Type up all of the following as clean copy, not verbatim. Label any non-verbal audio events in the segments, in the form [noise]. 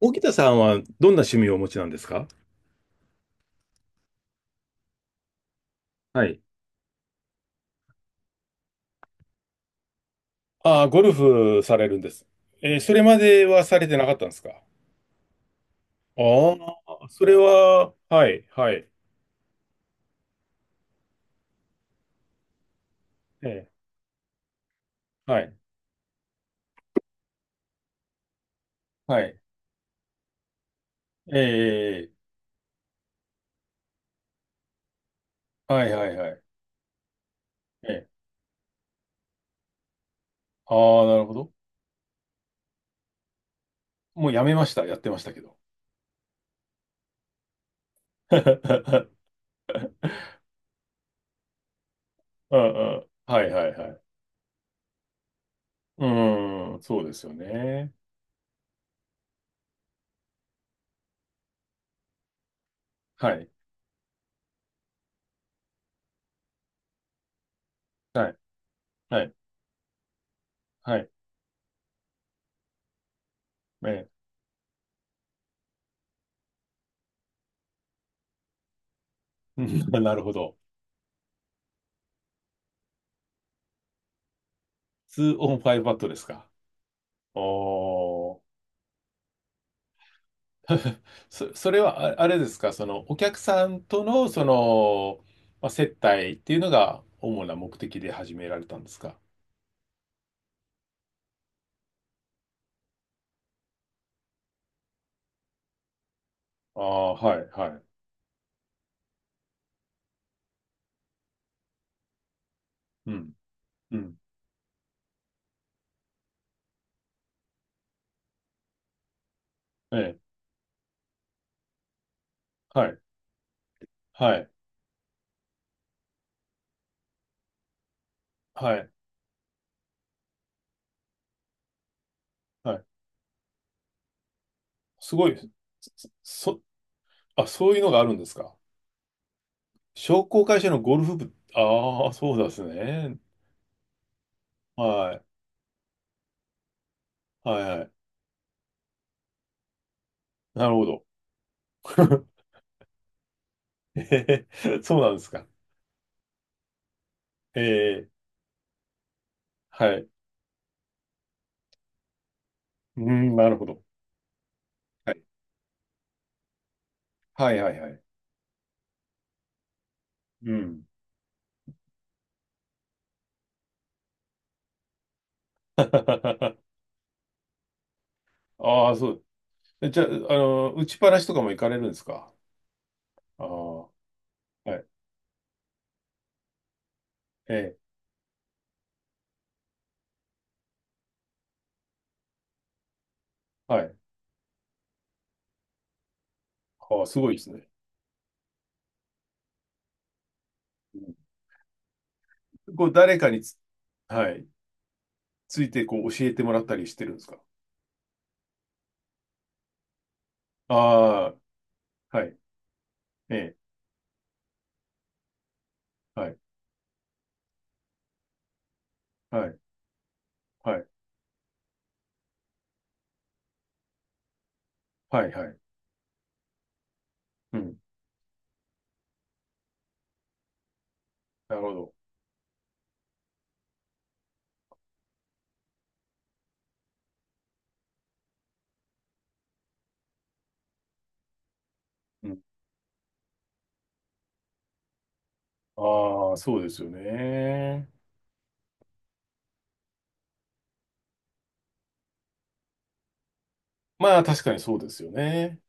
沖田さんはどんな趣味をお持ちなんですか？はい。ああ、ゴルフされるんです。それまではされてなかったんですかあ？あ、それは、はい、はい。ええ、はい、はい。ええ、はい、はい、はい。えーああ、なるほど。もうやめました。やってましたけど。[laughs] うんうん。はい、はい、はい。うーん、そうですよね。はい、はい、はい、はい。ええ、うん。 [laughs] なるほど。2オン5バットですか？おー。 [laughs] それはああれですか、そのお客さんとのその、まあ、接待っていうのが主な目的で始められたんですか？ああ、はい、はい。うん、うん、ええ、はい、はい、はい、はい。すごいです。そ、そそういうのがあるんですか？商工会社のゴルフ部、ああ、そうですね。はい、はい、はい。なるほど。[laughs] ええ、そうなんですか？ええ、はい。うん、なるほど。はい、はい、はい、はい。うん。[laughs] ああ、そう。じゃあ、打ちっぱなしとかも行かれるんですか？ああ、はい。ええ、はい。ああ、すごいですね。うん、こう、誰かにつ、はい、ついてこう教えてもらったりしてるんですか？ああ、はい。ええ、はい、はい、はい、はい、はい。うん、なるほど。うん、ああ、そうですよね。まあ、確かにそうですよね。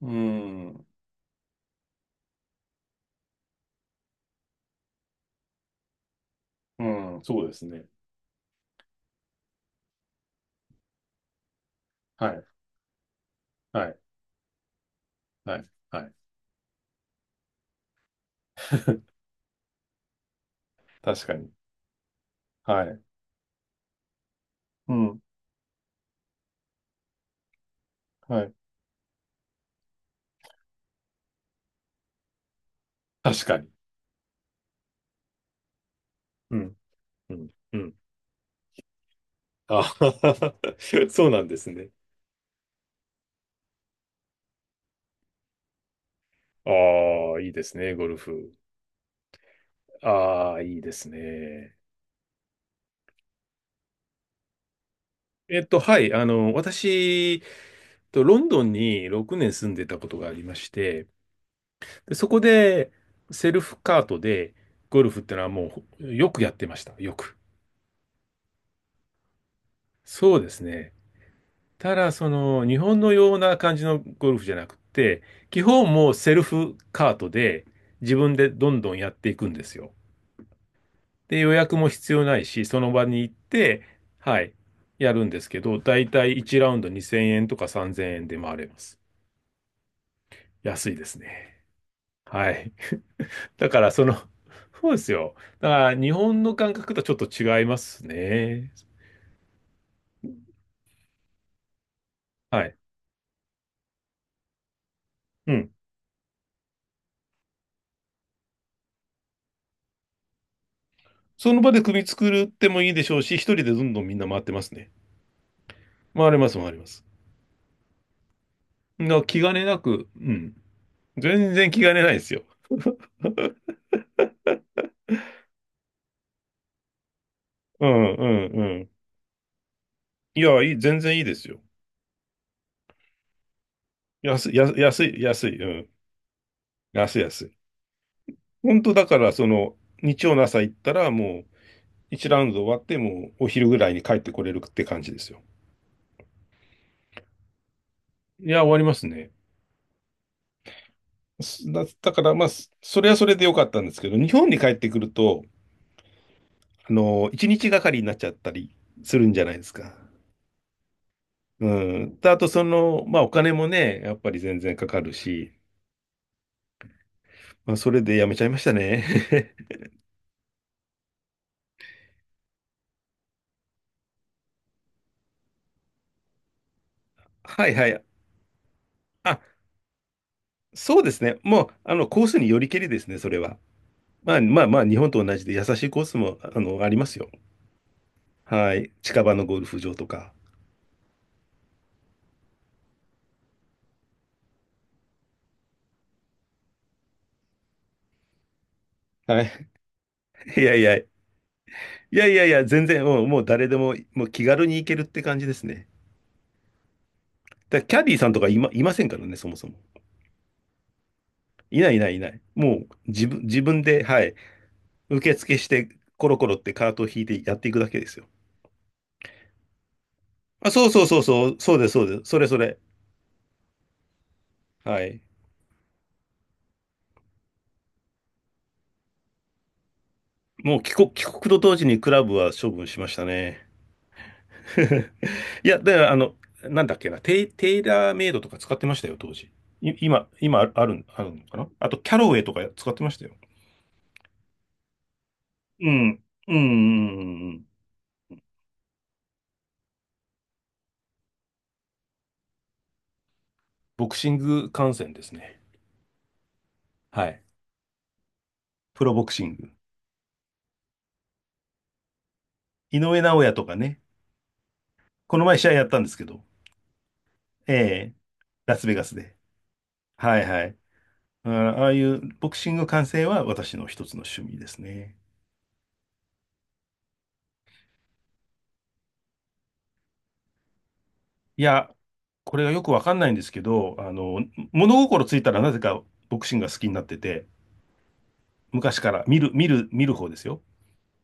うん、うん、そうですね。はい、はい、はい、はい。[laughs] 確かに。はい。うん、はい。確かに。うん、うん、うん。あ。 [laughs] そうなんですね。ああ、いいですね、ゴルフ。ああ、いいですね。はい、私、ロンドンに6年住んでたことがありまして、で、そこで、セルフカートで、ゴルフってのはもう、よくやってました、よく。そうですね。ただ、日本のような感じのゴルフじゃなくて、基本もうセルフカートで、自分でどんどんやっていくんですよ。で、予約も必要ないし、その場に行って、はい、やるんですけど、だいたい1ラウンド2000円とか3000円で回れます。安いですね。はい。だから、そうですよ。だから、日本の感覚とはちょっと違いますね。はい。うん。その場で組作るってもいいでしょうし、一人でどんどんみんな回ってますね。回れます、回れます。な、気兼ねなく、うん。全然気兼ねないですよ。うん、うん、うん。いや、いい、全然いいですよ。安い、安い、安い、安い、うん。安い、安い。本当だから、日曜の朝行ったら、もう、1ラウンド終わって、もう、お昼ぐらいに帰ってこれるって感じですよ。いや、終わりますね。だから、まあ、それはそれで良かったんですけど、日本に帰ってくると、1日がかりになっちゃったりするんじゃないですか？うん。であと、まあ、お金もね、やっぱり全然かかるし、まあ、それでやめちゃいましたね。[laughs] はいはい。あ、そうですね。もう、コースによりけりですね、それは。まあまあまあ、日本と同じで優しいコースも、ありますよ。はい。近場のゴルフ場とか。はい。いやいや、いやいやいや、全然、うん、もう誰でも、もう気軽に行けるって感じですね。だからキャディーさんとかいませんからね、そもそも。いないいないいない。もう自分で、はい、受付して、コロコロってカートを引いてやっていくだけですよ。あ、そうそうそうそう、そうです、そうです。それそれ。はい。もう帰国と同時にクラブは処分しましたね。[laughs] いや、だからなんだっけな、テイラーメイドとか使ってましたよ、当時。今ある、あるあるのかなあと、キャロウェイとか使ってましたよ。うん。うんうんうんうん。ボクシング観戦ですね。はい。プロボクシング。井上尚弥とかね。この前試合やったんですけど。ええ。ラスベガスで。はいはい。あああいうボクシング観戦は私の一つの趣味ですね。いや、これがよくわかんないんですけど、物心ついたらなぜかボクシングが好きになってて、昔から見る、見る、見る方ですよ。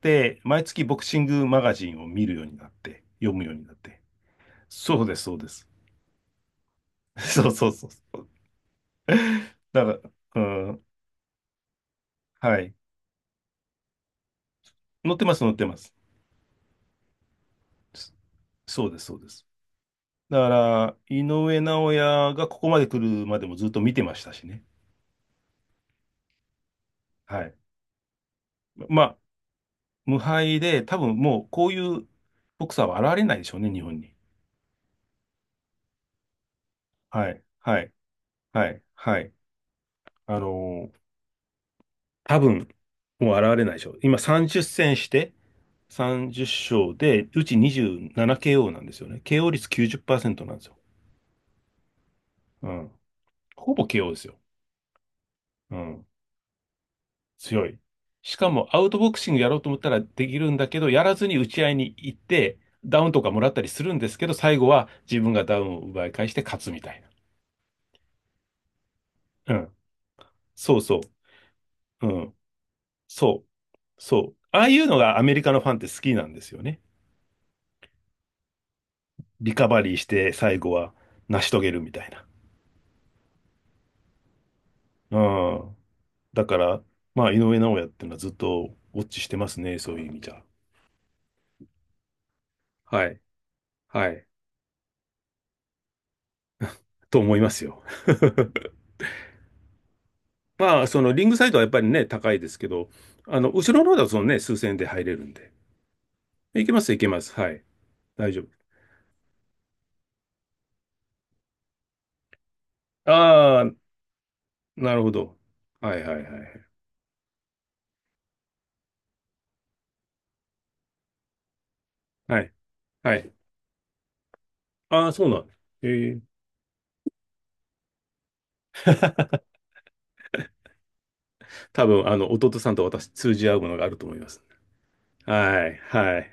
で、毎月ボクシングマガジンを見るようになって、読むようになって。そうです、そうです。[laughs] そうそうそうそう。だから、うん、はい。載ってます、載ってます。そそうです、そうです。だから、井上尚弥がここまで来るまでもずっと見てましたしね。はい。まあ、無敗で、多分もうこういうボクサーは現れないでしょうね、日本に。はい、はい、はい、はい。あの多分、もう現れないでしょう。今30戦して30勝で、うち 27KO ななケーオーなんですよね。KO 率90%なんですよ。うん。ほぼ KO ですよ。うん。強い。しかもアウトボクシングやろうと思ったらできるんだけど、やらずに打ち合いに行って、ダウンとかもらったりするんですけど、最後は自分がダウンを奪い返して勝つみたいな。うん。そうそう。うん。そう。そう。ああいうのがアメリカのファンって好きなんですよね。リカバリーして最後は成し遂げるみたいな。ああ、だから、まあ、井上尚弥っていうのはずっとウォッチしてますね、そういう意味じゃ。はい。はい。と思いますよ。[laughs] まあ、そのリングサイドはやっぱりね、高いですけど、後ろの方だとそのね、数千円で入れるんで。いけます、いけます。はい。大丈夫。ああ、なるほど。はいはいはい。はい。はい。ああ、そうなんだ。ええ。[laughs] 多分、弟さんと私通じ合うものがあると思います。はい、はい。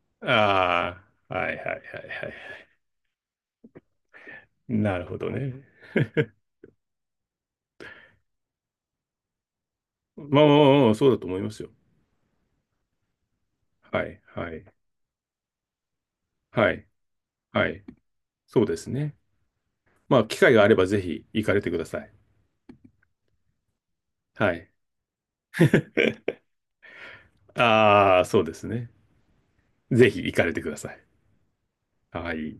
[laughs] ああ、はいはいはいはい。なるほどね。まあまあまあまあ、そうだと思いますよ。はい、はい、はい、はい。そうですね。まあ、機会があればぜひ行かれてください。はい。[laughs] ああ、そうですね。ぜひ行かれてください。はい。